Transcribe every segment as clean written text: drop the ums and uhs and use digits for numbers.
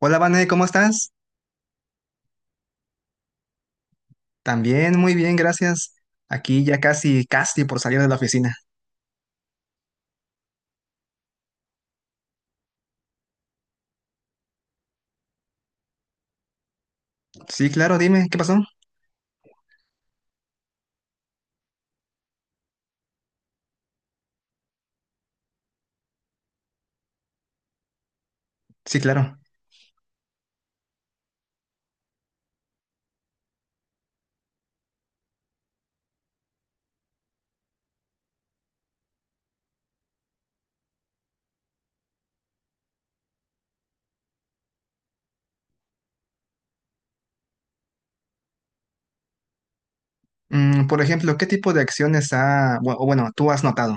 Hola, Vane, ¿cómo estás? También muy bien, gracias. Aquí ya casi, casi por salir de la oficina. Sí, claro, dime, ¿qué pasó? Sí, claro. Mm, por ejemplo, ¿qué tipo de acciones ha, bu- o bueno, tú has notado?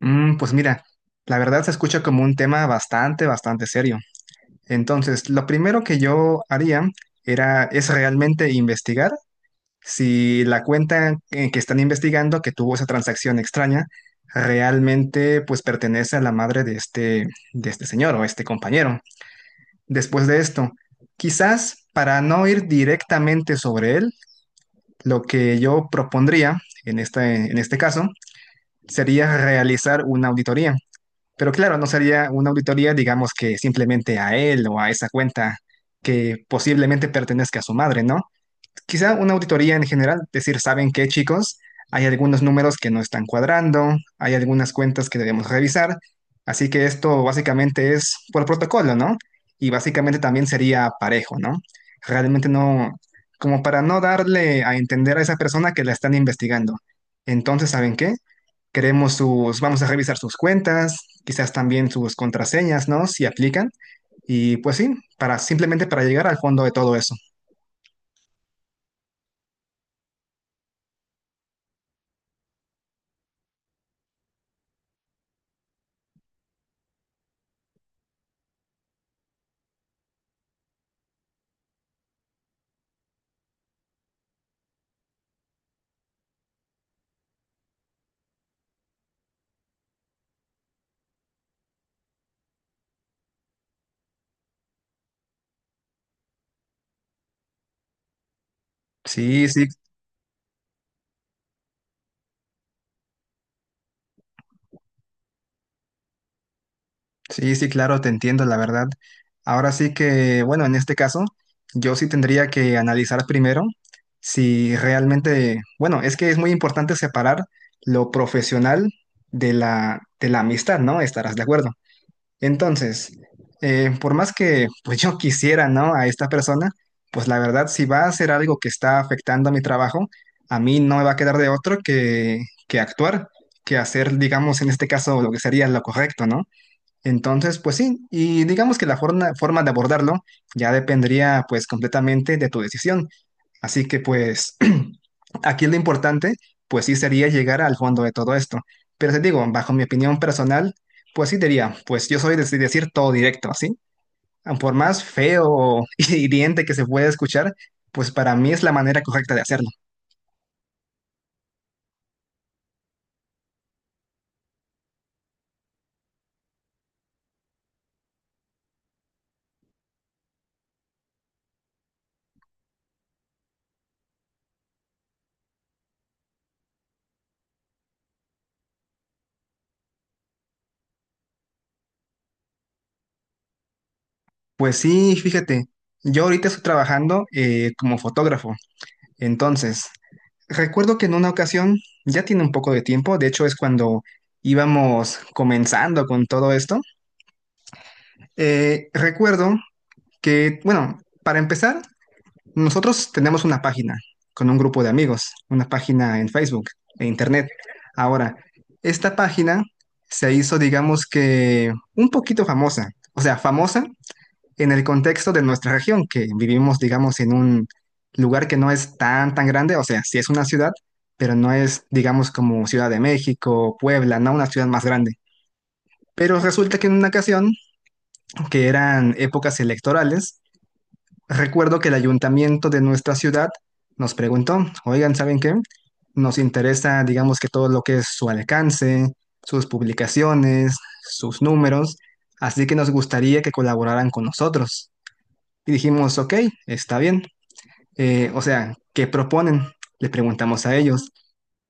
Mm, pues mira, la verdad se escucha como un tema bastante, bastante serio. Entonces, lo primero que yo haría es realmente investigar si la cuenta que están investigando que tuvo esa transacción extraña realmente pues pertenece a la madre de este señor o este compañero. Después de esto, quizás para no ir directamente sobre él, lo que yo propondría en este caso sería realizar una auditoría. Pero claro, no sería una auditoría, digamos que simplemente a él o a esa cuenta que posiblemente pertenezca a su madre, ¿no? Quizá una auditoría en general, decir, ¿saben qué, chicos? Hay algunos números que no están cuadrando, hay algunas cuentas que debemos revisar, así que esto básicamente es por protocolo, ¿no? Y básicamente también sería parejo, ¿no? Realmente no, como para no darle a entender a esa persona que la están investigando. Entonces, ¿saben qué? Queremos sus, vamos a revisar sus cuentas, quizás también sus contraseñas, ¿no? Si aplican. Y pues sí, para simplemente para llegar al fondo de todo eso. Sí, sí. Sí, sí, claro, te entiendo, la verdad. Ahora sí que, bueno, en este caso, yo sí tendría que analizar primero si realmente, bueno, es que es muy importante separar lo profesional de la amistad, ¿no? Estarás de acuerdo. Entonces, por más que pues yo quisiera, ¿no? A esta persona, pues la verdad, si va a hacer algo que está afectando a mi trabajo, a mí no me va a quedar de otro que actuar, que hacer, digamos, en este caso, lo que sería lo correcto, ¿no? Entonces, pues sí, y digamos que la forma de abordarlo ya dependería pues completamente de tu decisión. Así que pues aquí lo importante pues sí sería llegar al fondo de todo esto. Pero te digo, bajo mi opinión personal, pues sí diría, pues yo soy de decir todo directo, ¿sí? Por más feo o hiriente que se pueda escuchar, pues para mí es la manera correcta de hacerlo. Pues sí, fíjate, yo ahorita estoy trabajando como fotógrafo. Entonces, recuerdo que en una ocasión, ya tiene un poco de tiempo, de hecho es cuando íbamos comenzando con todo esto, recuerdo que, bueno, para empezar, nosotros tenemos una página con un grupo de amigos, una página en Facebook, de internet. Ahora, esta página se hizo, digamos que, un poquito famosa, o sea, famosa en el contexto de nuestra región, que vivimos, digamos, en un lugar que no es tan, tan grande, o sea, sí es una ciudad, pero no es, digamos, como Ciudad de México, Puebla, no una ciudad más grande. Pero resulta que en una ocasión, que eran épocas electorales, recuerdo que el ayuntamiento de nuestra ciudad nos preguntó, oigan, ¿saben qué? Nos interesa, digamos, que todo lo que es su alcance, sus publicaciones, sus números, así que nos gustaría que colaboraran con nosotros. Y dijimos, ok, está bien. O sea, ¿qué proponen? Le preguntamos a ellos.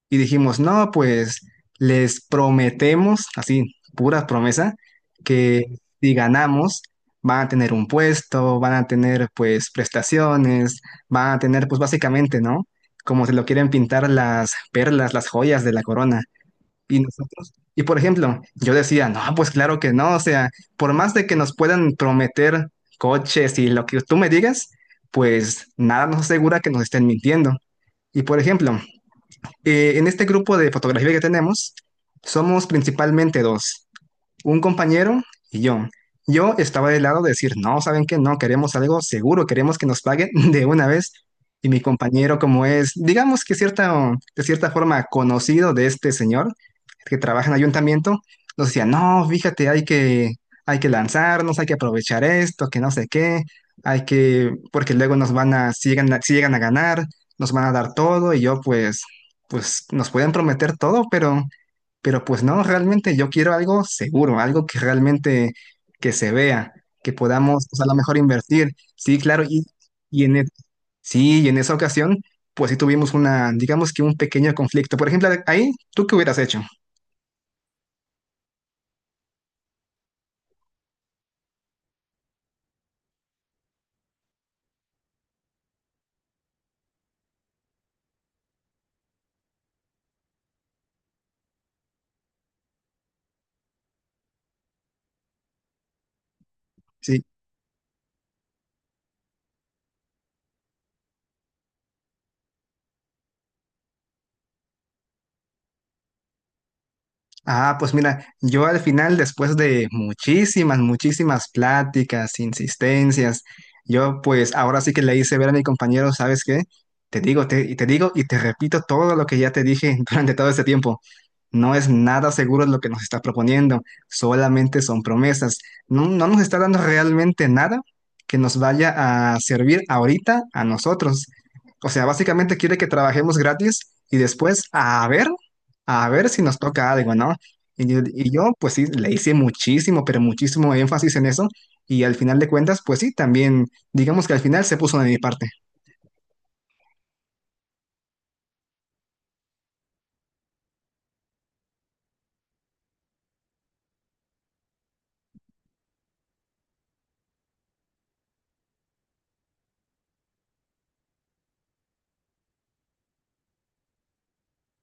Y dijimos, no, pues les prometemos, así, pura promesa, que si ganamos, van a tener un puesto, van a tener pues prestaciones, van a tener pues básicamente, ¿no? Como se lo quieren pintar las perlas, las joyas de la corona. Y nosotros, y por ejemplo, yo decía, no, pues claro que no, o sea, por más de que nos puedan prometer coches y lo que tú me digas, pues nada nos asegura que nos estén mintiendo. Y por ejemplo, en este grupo de fotografía que tenemos, somos principalmente dos un compañero y yo. Yo estaba del lado de decir, no, ¿saben qué? No, queremos algo seguro, queremos que nos paguen de una vez. Y mi compañero, como es, digamos que de cierta forma conocido de este señor que trabaja en ayuntamiento, nos decía, no, fíjate, hay que lanzarnos, hay que aprovechar esto, que no sé qué, hay que, porque luego nos van a, si llegan, si llegan a ganar, nos van a dar todo y yo pues, pues nos pueden prometer todo, pero... Pero pues no, realmente yo quiero algo seguro, algo que realmente que se vea, que podamos, o sea, a lo mejor invertir. Sí, claro, y en, e- sí, y en esa ocasión, pues sí tuvimos una, digamos que un pequeño conflicto. Por ejemplo, ahí, ¿tú qué hubieras hecho? Sí. Ah, pues mira, yo al final, después de muchísimas, muchísimas pláticas, insistencias, yo pues ahora sí que le hice ver a mi compañero, ¿sabes qué? Y te digo y te repito todo lo que ya te dije durante todo este tiempo. No es nada seguro lo que nos está proponiendo, solamente son promesas. No, no nos está dando realmente nada que nos vaya a servir ahorita a nosotros. O sea, básicamente quiere que trabajemos gratis y después a ver, si nos toca algo, ¿no? Y yo, pues sí, le hice muchísimo, pero muchísimo énfasis en eso y al final de cuentas, pues sí, también, digamos que al final se puso de mi parte.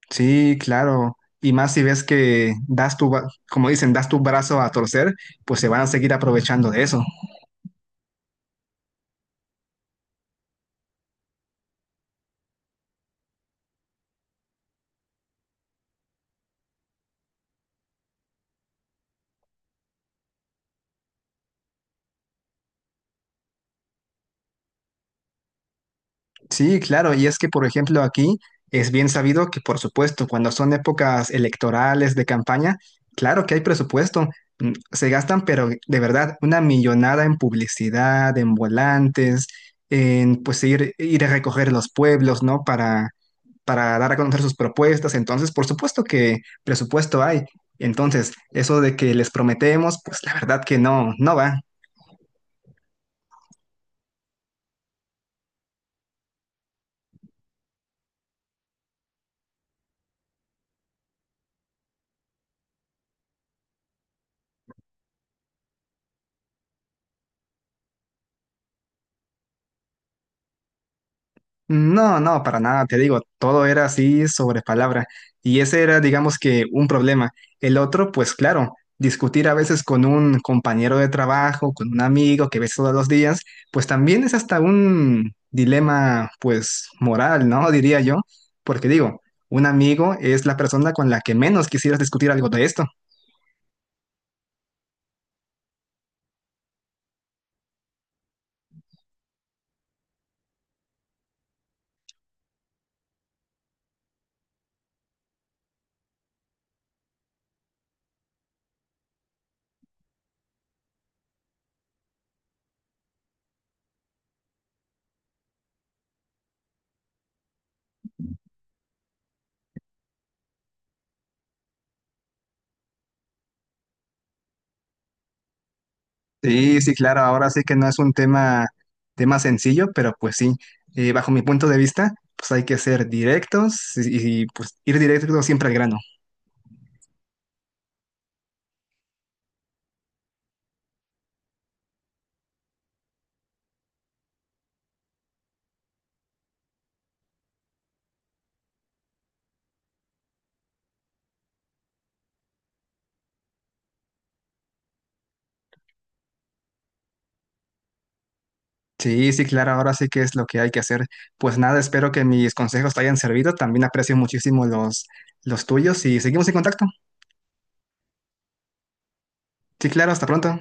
Sí, claro. Y más si ves que das tu, como dicen, das tu brazo a torcer, pues se van a seguir aprovechando de eso. Sí, claro, y es que, por ejemplo, aquí es bien sabido que, por supuesto, cuando son épocas electorales de campaña, claro que hay presupuesto, se gastan, pero de verdad, una millonada en publicidad, en volantes, en pues ir a recoger los pueblos, ¿no? Para dar a conocer sus propuestas, entonces, por supuesto que presupuesto hay, entonces, eso de que les prometemos, pues la verdad que no, no va. No, no, para nada, te digo, todo era así sobre palabra. Y ese era, digamos que, un problema. El otro, pues claro, discutir a veces con un compañero de trabajo, con un amigo que ves todos los días, pues también es hasta un dilema, pues, moral, ¿no? Diría yo, porque digo, un amigo es la persona con la que menos quisieras discutir algo de esto. Sí, sí, claro, ahora sí que no es un tema sencillo, pero pues sí, bajo mi punto de vista, pues hay que ser directos y, pues ir directo siempre al grano. Sí, sí, claro, ahora sí que es lo que hay que hacer. Pues nada, espero que mis consejos te hayan servido, también aprecio muchísimo los tuyos y seguimos en contacto. Sí, claro, hasta pronto.